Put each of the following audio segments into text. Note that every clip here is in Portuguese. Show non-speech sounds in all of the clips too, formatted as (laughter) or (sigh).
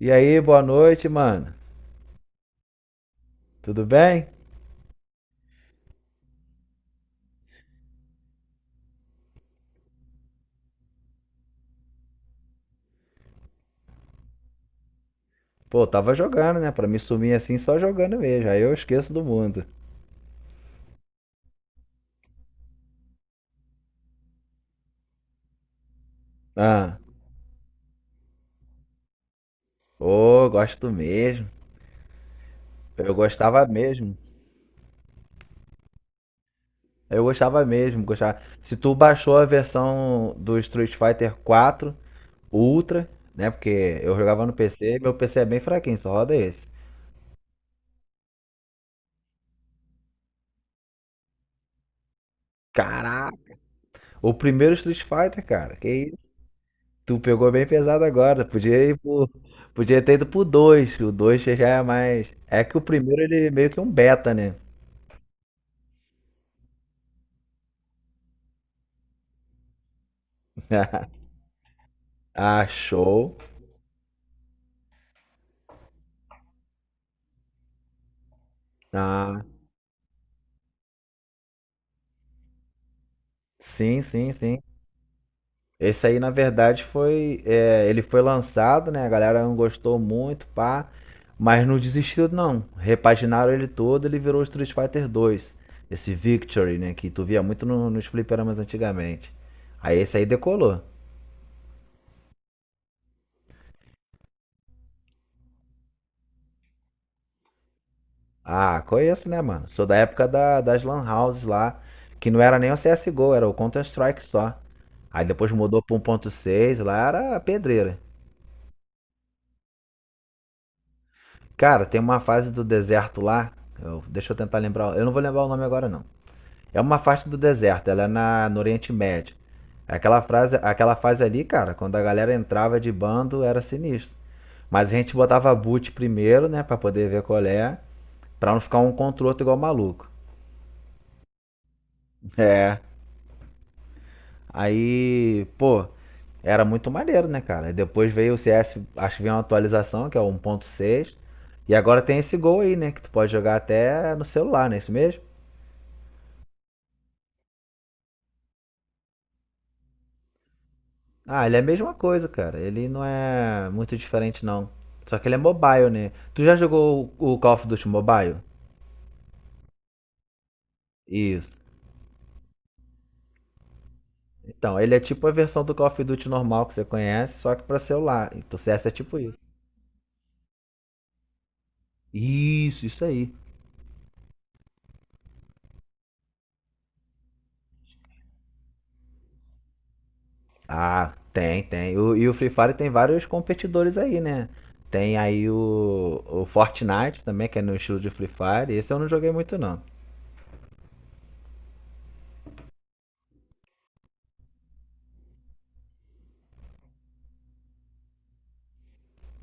E aí, boa noite, mano. Tudo bem? Pô, tava jogando, né? Pra me sumir assim, só jogando mesmo. Aí eu esqueço do mundo. Ah, ô, gosto mesmo. Eu gostava mesmo. Eu gostava mesmo, gostava. Se tu baixou a versão do Street Fighter 4 Ultra, né? Porque eu jogava no PC, meu PC é bem fraquinho, só roda esse. Caraca, o primeiro Street Fighter, cara. Que isso? Tu pegou bem pesado agora. Podia ter ido pro 2. O 2 já é mais. É que o primeiro ele é meio que um beta, né? (laughs) Ah, show. Ah, sim, sim, sim. Esse aí, na verdade, foi. É, ele foi lançado, né? A galera não gostou muito, pá. Mas não desistiu, não. Repaginaram ele todo, ele virou Street Fighter 2, esse Victory, né? Que tu via muito nos fliperamas antigamente. Aí esse aí decolou. Ah, conheço, né, mano? Sou da época das Lan Houses lá, que não era nem o CSGO, era o Counter-Strike só. Aí depois mudou pra 1.6, lá era pedreira. Cara, tem uma fase do deserto lá, deixa eu tentar lembrar, eu não vou lembrar o nome agora não. É uma fase do deserto, ela é no Oriente Médio. Aquela fase ali, cara, quando a galera entrava de bando, era sinistro. Mas a gente botava boot primeiro, né, pra poder ver qual é, pra não ficar um contra o outro igual maluco. É. Aí, pô, era muito maneiro, né, cara? Depois veio o CS, acho que veio uma atualização, que é o 1.6. E agora tem esse gol aí, né? Que tu pode jogar até no celular, não é isso mesmo? Ah, ele é a mesma coisa, cara. Ele não é muito diferente, não. Só que ele é mobile, né? Tu já jogou o Call of Duty Mobile? Isso. Então, ele é tipo a versão do Call of Duty normal que você conhece, só que pra celular. Então, o CS é tipo isso. Isso aí. Ah, tem, tem. E o Free Fire tem vários competidores aí, né? Tem aí o Fortnite também, que é no estilo de Free Fire. Esse eu não joguei muito, não.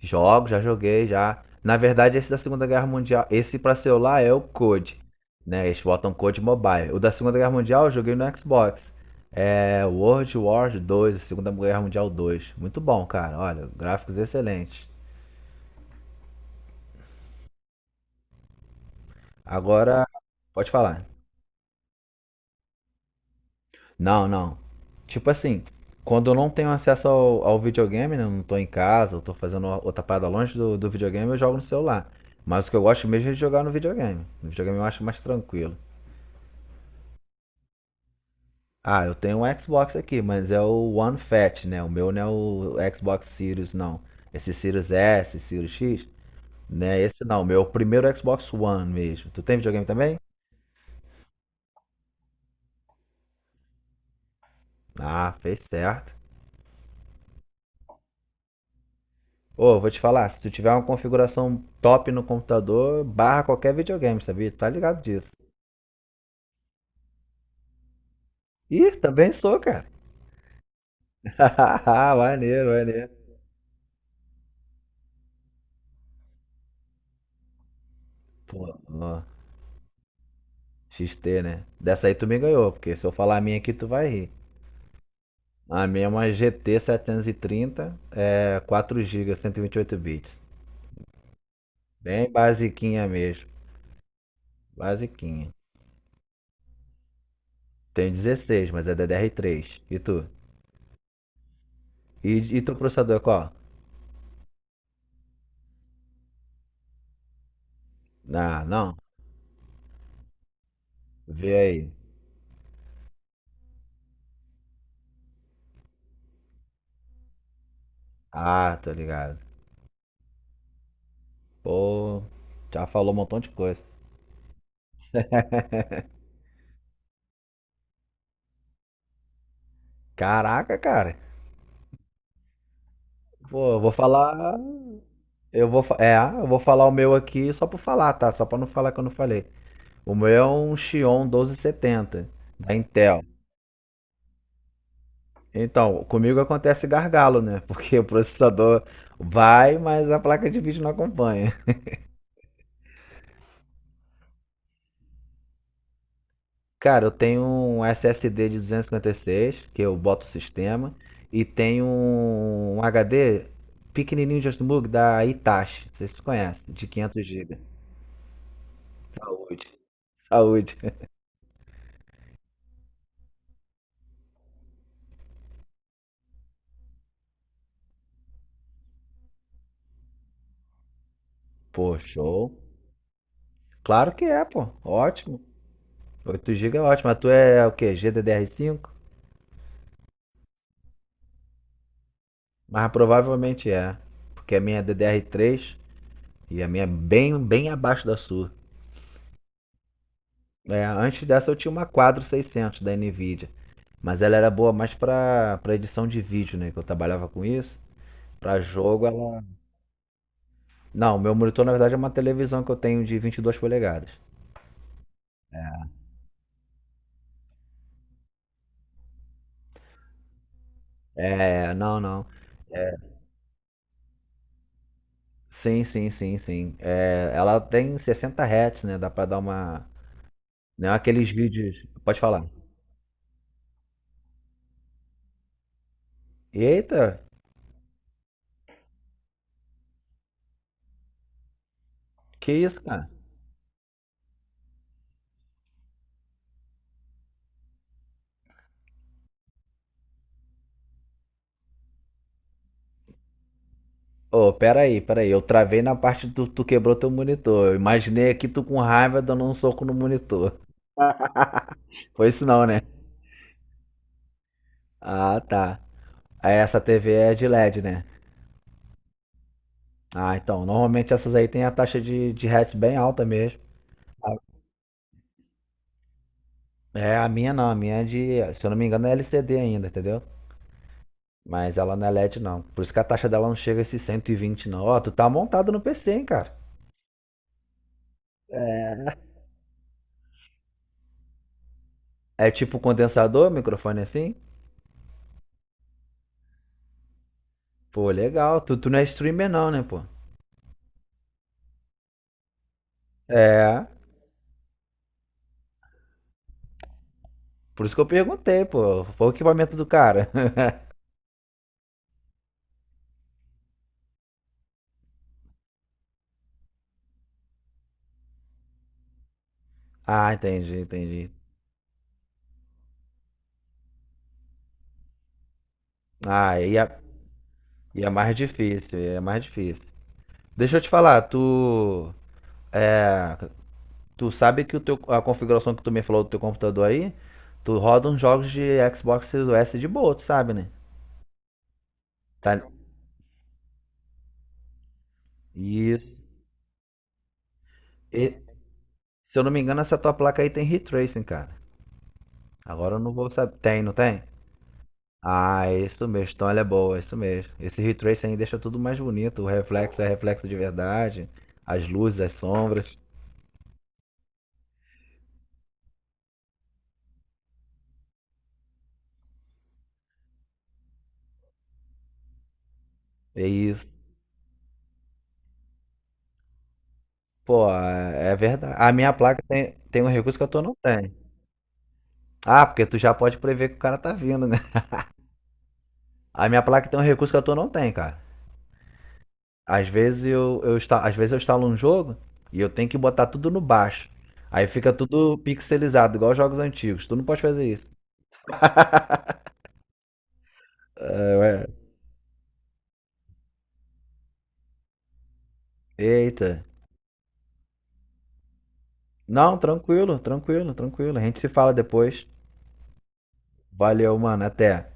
Jogo, já joguei, já. Na verdade, esse da Segunda Guerra Mundial, esse pra celular é o COD, né? Eles botam COD Mobile. O da Segunda Guerra Mundial eu joguei no Xbox. É World War 2, Segunda Guerra Mundial 2. Muito bom, cara. Olha, gráficos excelentes. Agora, pode falar. Não, não. Tipo assim, quando eu não tenho acesso ao videogame, né, eu não tô em casa, eu tô fazendo outra parada longe do videogame, eu jogo no celular. Mas o que eu gosto mesmo é de jogar no videogame. No videogame eu acho mais tranquilo. Ah, eu tenho um Xbox aqui, mas é o One Fat, né? O meu não é o Xbox Series, não. Esse Series S, Series X, né? Esse não, o meu é o primeiro Xbox One mesmo. Tu tem videogame também? Ah, fez certo. Ô, vou te falar, se tu tiver uma configuração top no computador, barra qualquer videogame, sabia? Tá ligado disso. Ih, também sou, cara. (laughs) Maneiro, maneiro. Pô, ó, XT, né? Dessa aí tu me ganhou, porque se eu falar a minha aqui, tu vai rir. A minha é uma GT 730, é 4 gigas, 128 bits. Bem basiquinha mesmo, basiquinha. Tenho 16, mas é DDR3. E tu? E teu processador é qual? Ah, não? Vê aí. Ah, tô ligado. Pô, já falou um montão de coisa. Caraca, cara. Pô, eu vou falar. Eu vou falar o meu aqui só por falar, tá? Só pra não falar que eu não falei. O meu é um Xeon 1270 da Intel. Então, comigo acontece gargalo, né? (laughs) Porque o processador vai, mas a placa de vídeo não acompanha. Cara, eu tenho um SSD de 256, que eu boto o sistema, e tenho um HD pequenininho de notebook da Hitachi, não sei se tu conhece, de 500 GB. Saúde, saúde. Pô, show. Claro que é, pô, ótimo. 8 GB é ótimo. A tua é o quê? GDDR5? Mas provavelmente é, porque a minha é DDR3 e a minha é bem, bem abaixo da sua. É, antes dessa eu tinha uma Quadro 600 da Nvidia. Mas ela era boa mais para edição de vídeo, né? Que eu trabalhava com isso. Para jogo, ela. Não, meu monitor na verdade é uma televisão que eu tenho de 22 polegadas. É, não, não. Sim, sim, sim, sim. É, ela tem 60 Hz, né? Dá pra dar uma. Não é aqueles vídeos. Pode falar. Eita, que isso, cara? Ô, peraí, peraí. Eu travei na parte do tu quebrou teu monitor. Eu imaginei aqui tu com raiva dando um soco no monitor. (laughs) Foi isso não, né? Ah, tá. Aí essa TV é de LED, né? Ah, então. Normalmente essas aí tem a taxa de hertz bem alta mesmo. É, a minha não. A minha é de. Se eu não me engano, é LCD ainda, entendeu? Mas ela não é LED, não. Por isso que a taxa dela não chega a esses 120 não. Ó, tu tá montado no PC, hein, cara? É é tipo um condensador, microfone assim? Pô, legal. Tu não é streamer, não, né, pô? É. Por isso que eu perguntei, pô. Foi o equipamento do cara. (laughs) Ah, entendi, entendi. Ah, e é mais difícil, e é mais difícil. Deixa eu te falar, tu. É, tu sabe que a configuração que tu me falou do teu computador aí, tu roda uns jogos de Xbox Series S de boa, tu sabe, né? Tá, isso. E, se eu não me engano, essa tua placa aí tem ray tracing, cara. Agora eu não vou saber. Tem, não tem? Ah, é isso mesmo. Então ela é boa, é isso mesmo. Esse ray tracing aí deixa tudo mais bonito. O reflexo é reflexo de verdade. As luzes, as sombras. É isso. Pô, é verdade. A minha placa tem um recurso que a tua não tem. Ah, porque tu já pode prever que o cara tá vindo, né? (laughs) A minha placa tem um recurso que a tua não tem, cara. Às vezes eu instalo um jogo e eu tenho que botar tudo no baixo. Aí fica tudo pixelizado, igual jogos antigos. Tu não pode fazer isso. Eu, é, Eita. Não, tranquilo, tranquilo, tranquilo. A gente se fala depois. Valeu, mano. Até.